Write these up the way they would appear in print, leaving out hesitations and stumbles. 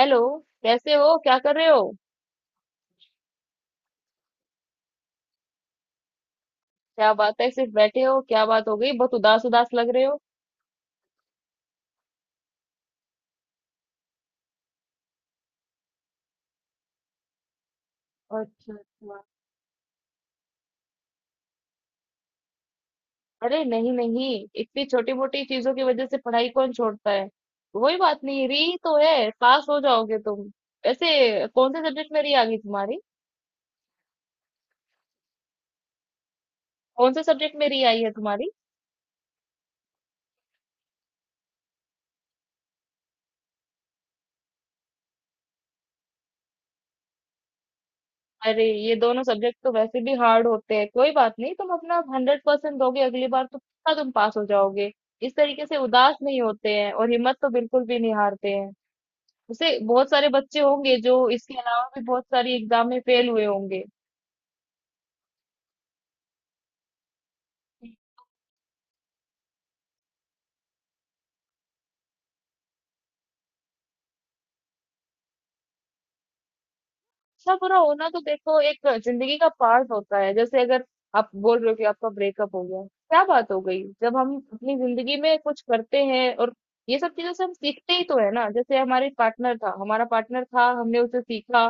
Hello. कैसे हो, क्या कर रहे हो? क्या बात है, सिर्फ बैठे हो? क्या बात हो गई, बहुत उदास उदास लग रहे हो। अच्छा अच्छा। अरे नहीं नहीं, इतनी छोटी मोटी चीजों की वजह से पढ़ाई कौन छोड़ता है। कोई बात नहीं, री तो है, पास हो जाओगे तुम। वैसे कौन से सब्जेक्ट में री आ गई तुम्हारी? कौन से सब्जेक्ट में री आई है तुम्हारी? अरे ये दोनों सब्जेक्ट तो वैसे भी हार्ड होते हैं, कोई बात नहीं, तुम अपना हंड्रेड परसेंट दोगे अगली बार तो पक्का तुम पास हो जाओगे। इस तरीके से उदास नहीं होते हैं, और हिम्मत तो बिल्कुल भी नहीं हारते हैं। वैसे बहुत सारे बच्चे होंगे जो इसके अलावा भी बहुत सारी एग्जाम में फेल हुए होंगे। अच्छा बुरा होना तो देखो एक जिंदगी का पार्ट होता है। जैसे अगर आप बोल रहे हो कि आपका ब्रेकअप हो गया, क्या बात हो गई। जब हम अपनी जिंदगी में कुछ करते हैं, और ये सब चीजों से हम सीखते ही तो है ना। जैसे हमारे पार्टनर था, हमारा पार्टनर था, हमने उसे सीखा,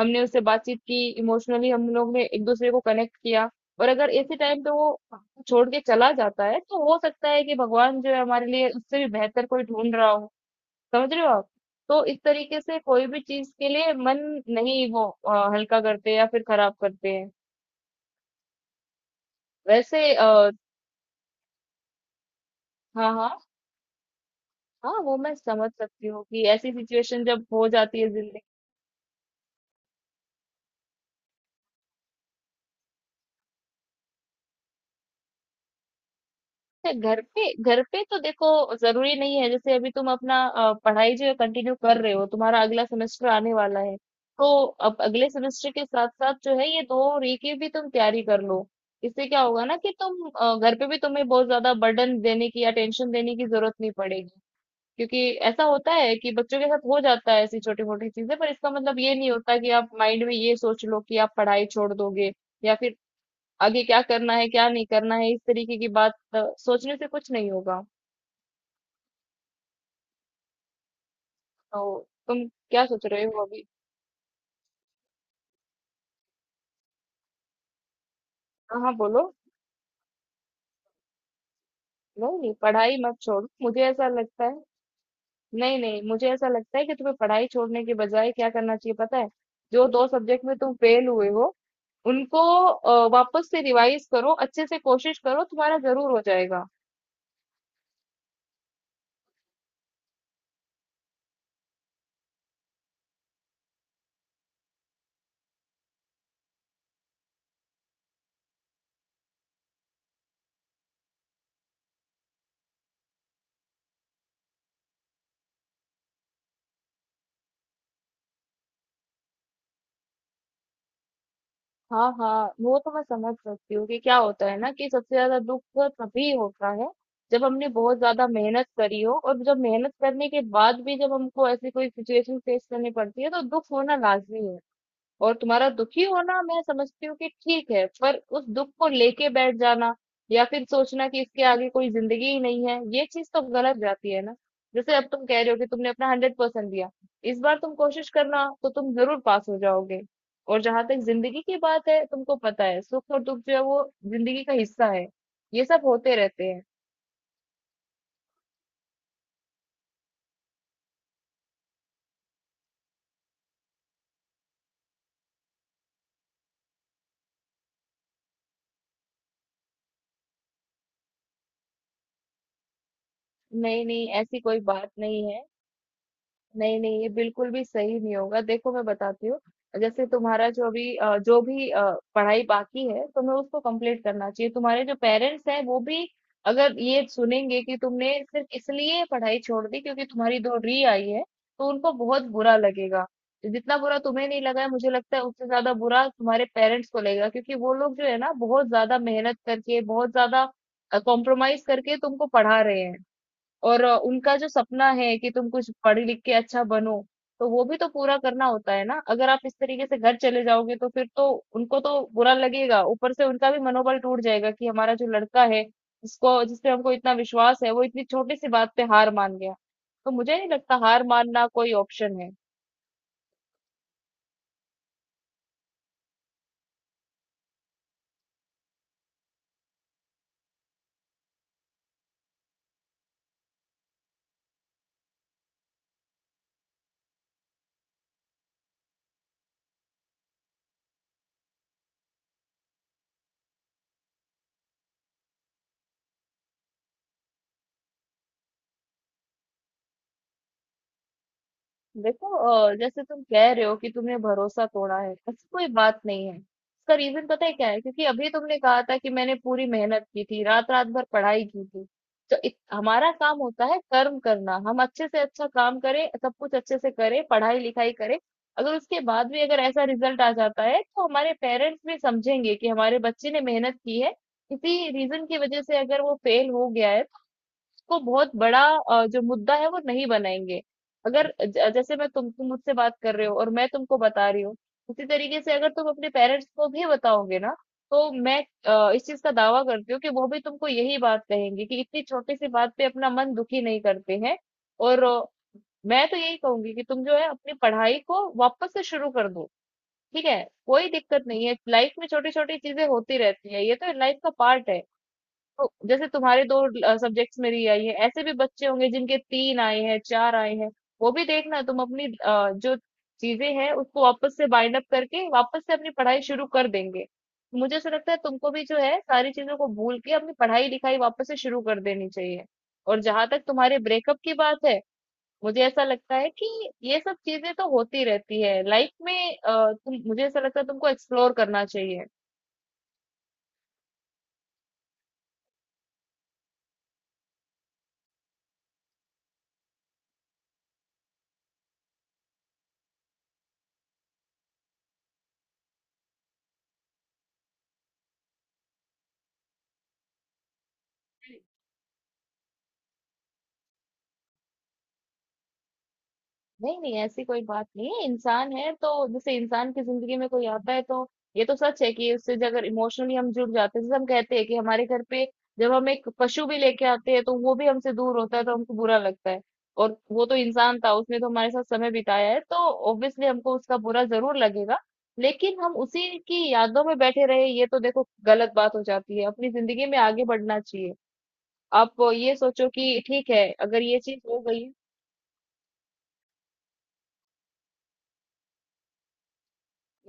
हमने उससे बातचीत की, इमोशनली हम लोग ने एक दूसरे को कनेक्ट किया। और अगर ऐसे टाइम पे वो छोड़ के चला जाता है, तो हो सकता है कि भगवान जो है हमारे लिए उससे भी बेहतर कोई ढूंढ रहा हो। समझ रहे हो आप? तो इस तरीके से कोई भी चीज के लिए मन नहीं, वो हल्का करते या फिर खराब करते हैं। वैसे आ, हाँ हाँ। हाँ वो मैं समझ सकती हूँ कि ऐसी सिचुएशन जब हो जाती है जिंदगी में। घर पे, घर पे तो देखो जरूरी नहीं है। जैसे अभी तुम अपना पढ़ाई जो है कंटिन्यू कर रहे हो, तुम्हारा अगला सेमेस्टर आने वाला है। तो अब अगले सेमेस्टर के साथ साथ जो है ये दो री की भी तुम तैयारी कर लो। इससे क्या होगा ना कि तुम घर पे भी तुम्हें बहुत ज्यादा बर्डन देने की या टेंशन देने की जरूरत नहीं पड़ेगी। क्योंकि ऐसा होता है, कि बच्चों के साथ हो जाता है ऐसी छोटी मोटी चीजें, पर इसका मतलब ये नहीं होता कि आप माइंड में ये सोच लो कि आप पढ़ाई छोड़ दोगे, या फिर आगे क्या करना है क्या नहीं करना है, इस तरीके की बात सोचने से कुछ नहीं होगा। तो तुम क्या सोच रहे हो अभी? हाँ हाँ बोलो। नहीं नहीं पढ़ाई मत छोड़ो, मुझे ऐसा लगता है। नहीं नहीं, मुझे ऐसा लगता है कि तुम्हें पढ़ाई छोड़ने के बजाय क्या करना चाहिए पता है, जो दो सब्जेक्ट में तुम फेल हुए हो, उनको वापस से रिवाइज करो, अच्छे से कोशिश करो, तुम्हारा जरूर हो जाएगा। हाँ हाँ, वो तो मैं समझ सकती हूँ कि क्या होता है ना, कि सबसे ज्यादा दुख तो तभी होता है जब हमने बहुत ज्यादा मेहनत करी हो, और जब मेहनत करने के बाद भी जब हमको ऐसी कोई सिचुएशन फेस करनी पड़ती है, तो दुख होना लाजमी है। और तुम्हारा दुखी होना मैं समझती हूँ कि ठीक है, पर उस दुख को लेके बैठ जाना, या फिर सोचना कि इसके आगे कोई जिंदगी ही नहीं है, ये चीज तो गलत जाती है ना। जैसे अब तुम कह रहे हो कि तुमने अपना हंड्रेड परसेंट दिया, इस बार तुम कोशिश करना तो तुम जरूर पास हो जाओगे। और जहां तक जिंदगी की बात है, तुमको पता है, सुख और दुख जो है वो जिंदगी का हिस्सा है, ये सब होते रहते हैं। नहीं नहीं ऐसी कोई बात नहीं है। नहीं, नहीं, ये बिल्कुल भी सही नहीं होगा। देखो मैं बताती हूँ, जैसे तुम्हारा जो भी पढ़ाई बाकी है, तुम्हें उसको कंप्लीट करना चाहिए। तुम्हारे जो पेरेंट्स हैं, वो भी अगर ये सुनेंगे कि तुमने सिर्फ इसलिए पढ़ाई छोड़ दी क्योंकि तुम्हारी डोहरी आई है, तो उनको बहुत बुरा लगेगा। जितना बुरा तुम्हें नहीं लगा है, मुझे लगता है उससे ज्यादा बुरा तुम्हारे पेरेंट्स को लगेगा, क्योंकि वो लोग जो है ना बहुत ज्यादा मेहनत करके, बहुत ज्यादा कॉम्प्रोमाइज करके तुमको पढ़ा रहे हैं। और उनका जो सपना है कि तुम कुछ पढ़ लिख के अच्छा बनो, तो वो भी तो पूरा करना होता है ना। अगर आप इस तरीके से घर चले जाओगे तो फिर तो उनको तो बुरा लगेगा, ऊपर से उनका भी मनोबल टूट जाएगा कि हमारा जो लड़का है जिसको, जिस पे हमको इतना विश्वास है, वो इतनी छोटी सी बात पे हार मान गया। तो मुझे नहीं लगता हार मानना कोई ऑप्शन है। देखो जैसे तुम कह रहे हो कि तुमने भरोसा तोड़ा है, ऐसी कोई बात नहीं है। इसका रीजन पता है क्या है, क्योंकि अभी तुमने कहा था कि मैंने पूरी मेहनत की थी, रात रात भर पढ़ाई की थी। तो हमारा काम होता है कर्म करना, हम अच्छे से अच्छा काम करें, सब कुछ अच्छे से करें, पढ़ाई लिखाई करें। अगर उसके बाद भी अगर ऐसा रिजल्ट आ जाता है, तो हमारे पेरेंट्स भी समझेंगे कि हमारे बच्चे ने मेहनत की है, किसी रीजन की वजह से अगर वो फेल हो गया है, को बहुत बड़ा जो मुद्दा है वो नहीं बनाएंगे। अगर जैसे मैं तुम मुझसे बात कर रहे हो और मैं तुमको बता रही हूँ, उसी तरीके से अगर तुम अपने पेरेंट्स को भी बताओगे ना, तो मैं इस चीज का दावा करती हूँ कि वो भी तुमको यही बात कहेंगे कि इतनी छोटी सी बात पे अपना मन दुखी नहीं करते हैं। और मैं तो यही कहूंगी कि तुम जो है अपनी पढ़ाई को वापस से शुरू कर दो। ठीक है? कोई दिक्कत नहीं है, लाइफ में छोटी छोटी चीजें होती रहती है, ये तो लाइफ का पार्ट है। तो जैसे तुम्हारे दो सब्जेक्ट्स मेरी आई है, ऐसे भी बच्चे होंगे जिनके तीन आए हैं, चार आए हैं। वो भी देखना, तुम अपनी जो चीजें हैं उसको वापस से बाइंड अप करके वापस से अपनी पढ़ाई शुरू कर देंगे। मुझे ऐसा लगता है तुमको भी जो है सारी चीजों को भूल के अपनी पढ़ाई लिखाई वापस से शुरू कर देनी चाहिए। और जहां तक तुम्हारे ब्रेकअप की बात है, मुझे ऐसा लगता है कि ये सब चीजें तो होती रहती है लाइफ में। तुम, मुझे ऐसा लगता है तुमको एक्सप्लोर करना चाहिए। नहीं नहीं ऐसी कोई बात नहीं है, इंसान है तो, जैसे इंसान की जिंदगी में कोई आता है तो ये तो सच है कि उससे जो अगर इमोशनली हम जुड़ जाते हैं। जैसे हम कहते हैं कि हमारे घर पे जब हम एक पशु भी लेके आते हैं, तो वो भी हमसे दूर होता है तो हमको बुरा लगता है। और वो तो इंसान था, उसने तो हमारे साथ समय बिताया है, तो ऑब्वियसली हमको उसका बुरा जरूर लगेगा। लेकिन हम उसी की यादों में बैठे रहे, ये तो देखो गलत बात हो जाती है, अपनी जिंदगी में आगे बढ़ना चाहिए। आप ये सोचो कि ठीक है, अगर ये चीज हो गई।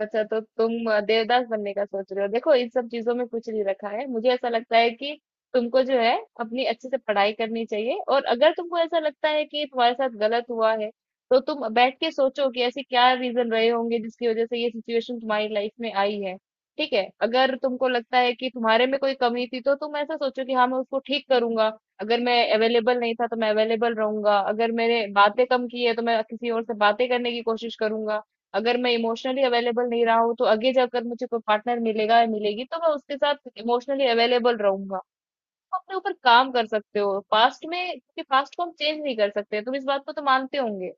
अच्छा, तो तुम देवदास बनने का सोच रहे हो। देखो इन सब चीजों में कुछ नहीं रखा है, मुझे ऐसा लगता है कि तुमको जो है अपनी अच्छे से पढ़ाई करनी चाहिए। और अगर तुमको ऐसा लगता है कि तुम्हारे साथ गलत हुआ है, तो तुम बैठ के सोचो कि ऐसे क्या रीजन रहे होंगे जिसकी वजह से ये सिचुएशन तुम्हारी लाइफ में आई है। ठीक है? अगर तुमको लगता है कि तुम्हारे में कोई कमी थी, तो तुम ऐसा सोचो कि हाँ मैं उसको ठीक करूंगा। अगर मैं अवेलेबल नहीं था तो मैं अवेलेबल रहूंगा, अगर मैंने बातें कम की है तो मैं किसी और से बातें करने की कोशिश करूंगा, अगर मैं इमोशनली अवेलेबल नहीं रहा हूँ तो आगे जाकर मुझे कोई पार्टनर मिलेगा या मिलेगी तो मैं उसके साथ इमोशनली अवेलेबल रहूंगा। तुम अपने ऊपर काम कर सकते हो। पास्ट में, क्योंकि पास्ट को हम चेंज नहीं कर सकते, तुम इस बात को तो मानते होंगे।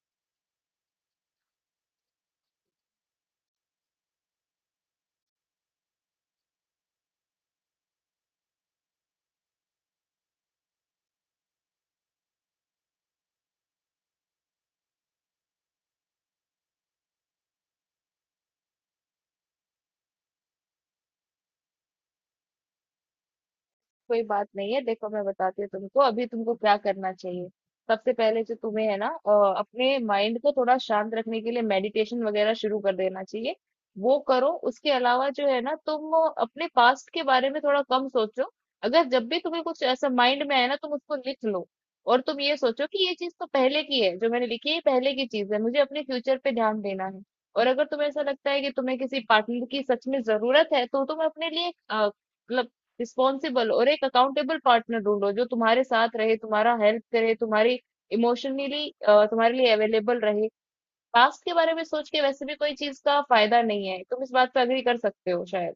कोई बात नहीं है, देखो मैं बताती हूँ तुमको अभी तुमको क्या करना चाहिए। सबसे पहले जो तुम्हें है ना अपने माइंड को थोड़ा शांत रखने के लिए मेडिटेशन वगैरह शुरू कर देना चाहिए, वो करो। उसके अलावा जो है ना, तुम अपने पास्ट के बारे में थोड़ा कम सोचो। अगर जब भी तुम्हें कुछ ऐसा माइंड में है ना, तुम उसको लिख लो, और तुम ये सोचो कि ये चीज तो पहले की है, जो मैंने लिखी है ये पहले की चीज है, मुझे अपने फ्यूचर पे ध्यान देना है। और अगर तुम्हें ऐसा लगता है कि तुम्हें किसी पार्टनर की सच में जरूरत है, तो तुम अपने लिए मतलब रिस्पॉन्सिबल और एक अकाउंटेबल पार्टनर ढूंढो, जो तुम्हारे साथ रहे, तुम्हारा हेल्प करे, तुम्हारी, इमोशनली तुम्हारे लिए अवेलेबल रहे। पास्ट के बारे में सोच के वैसे भी कोई चीज का फायदा नहीं है, तुम इस बात पे अग्री कर सकते हो शायद।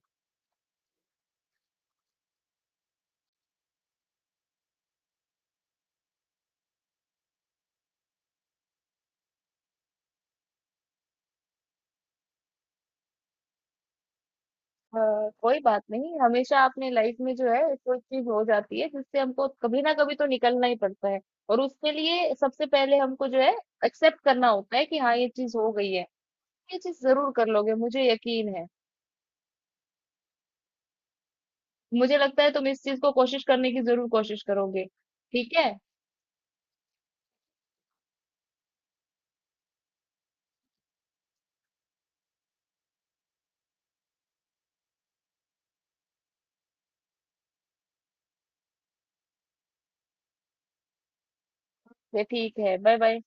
हाँ, कोई बात नहीं, हमेशा अपने लाइफ में जो है कोई चीज हो जाती है जिससे हमको कभी ना कभी तो निकलना ही पड़ता है। और उसके लिए सबसे पहले हमको जो है एक्सेप्ट करना होता है कि हाँ ये चीज हो गई है। ये चीज जरूर कर लोगे, मुझे यकीन है। मुझे लगता है तुम इस चीज को कोशिश करने की जरूर कोशिश करोगे। ठीक है, ये ठीक है, बाय बाय।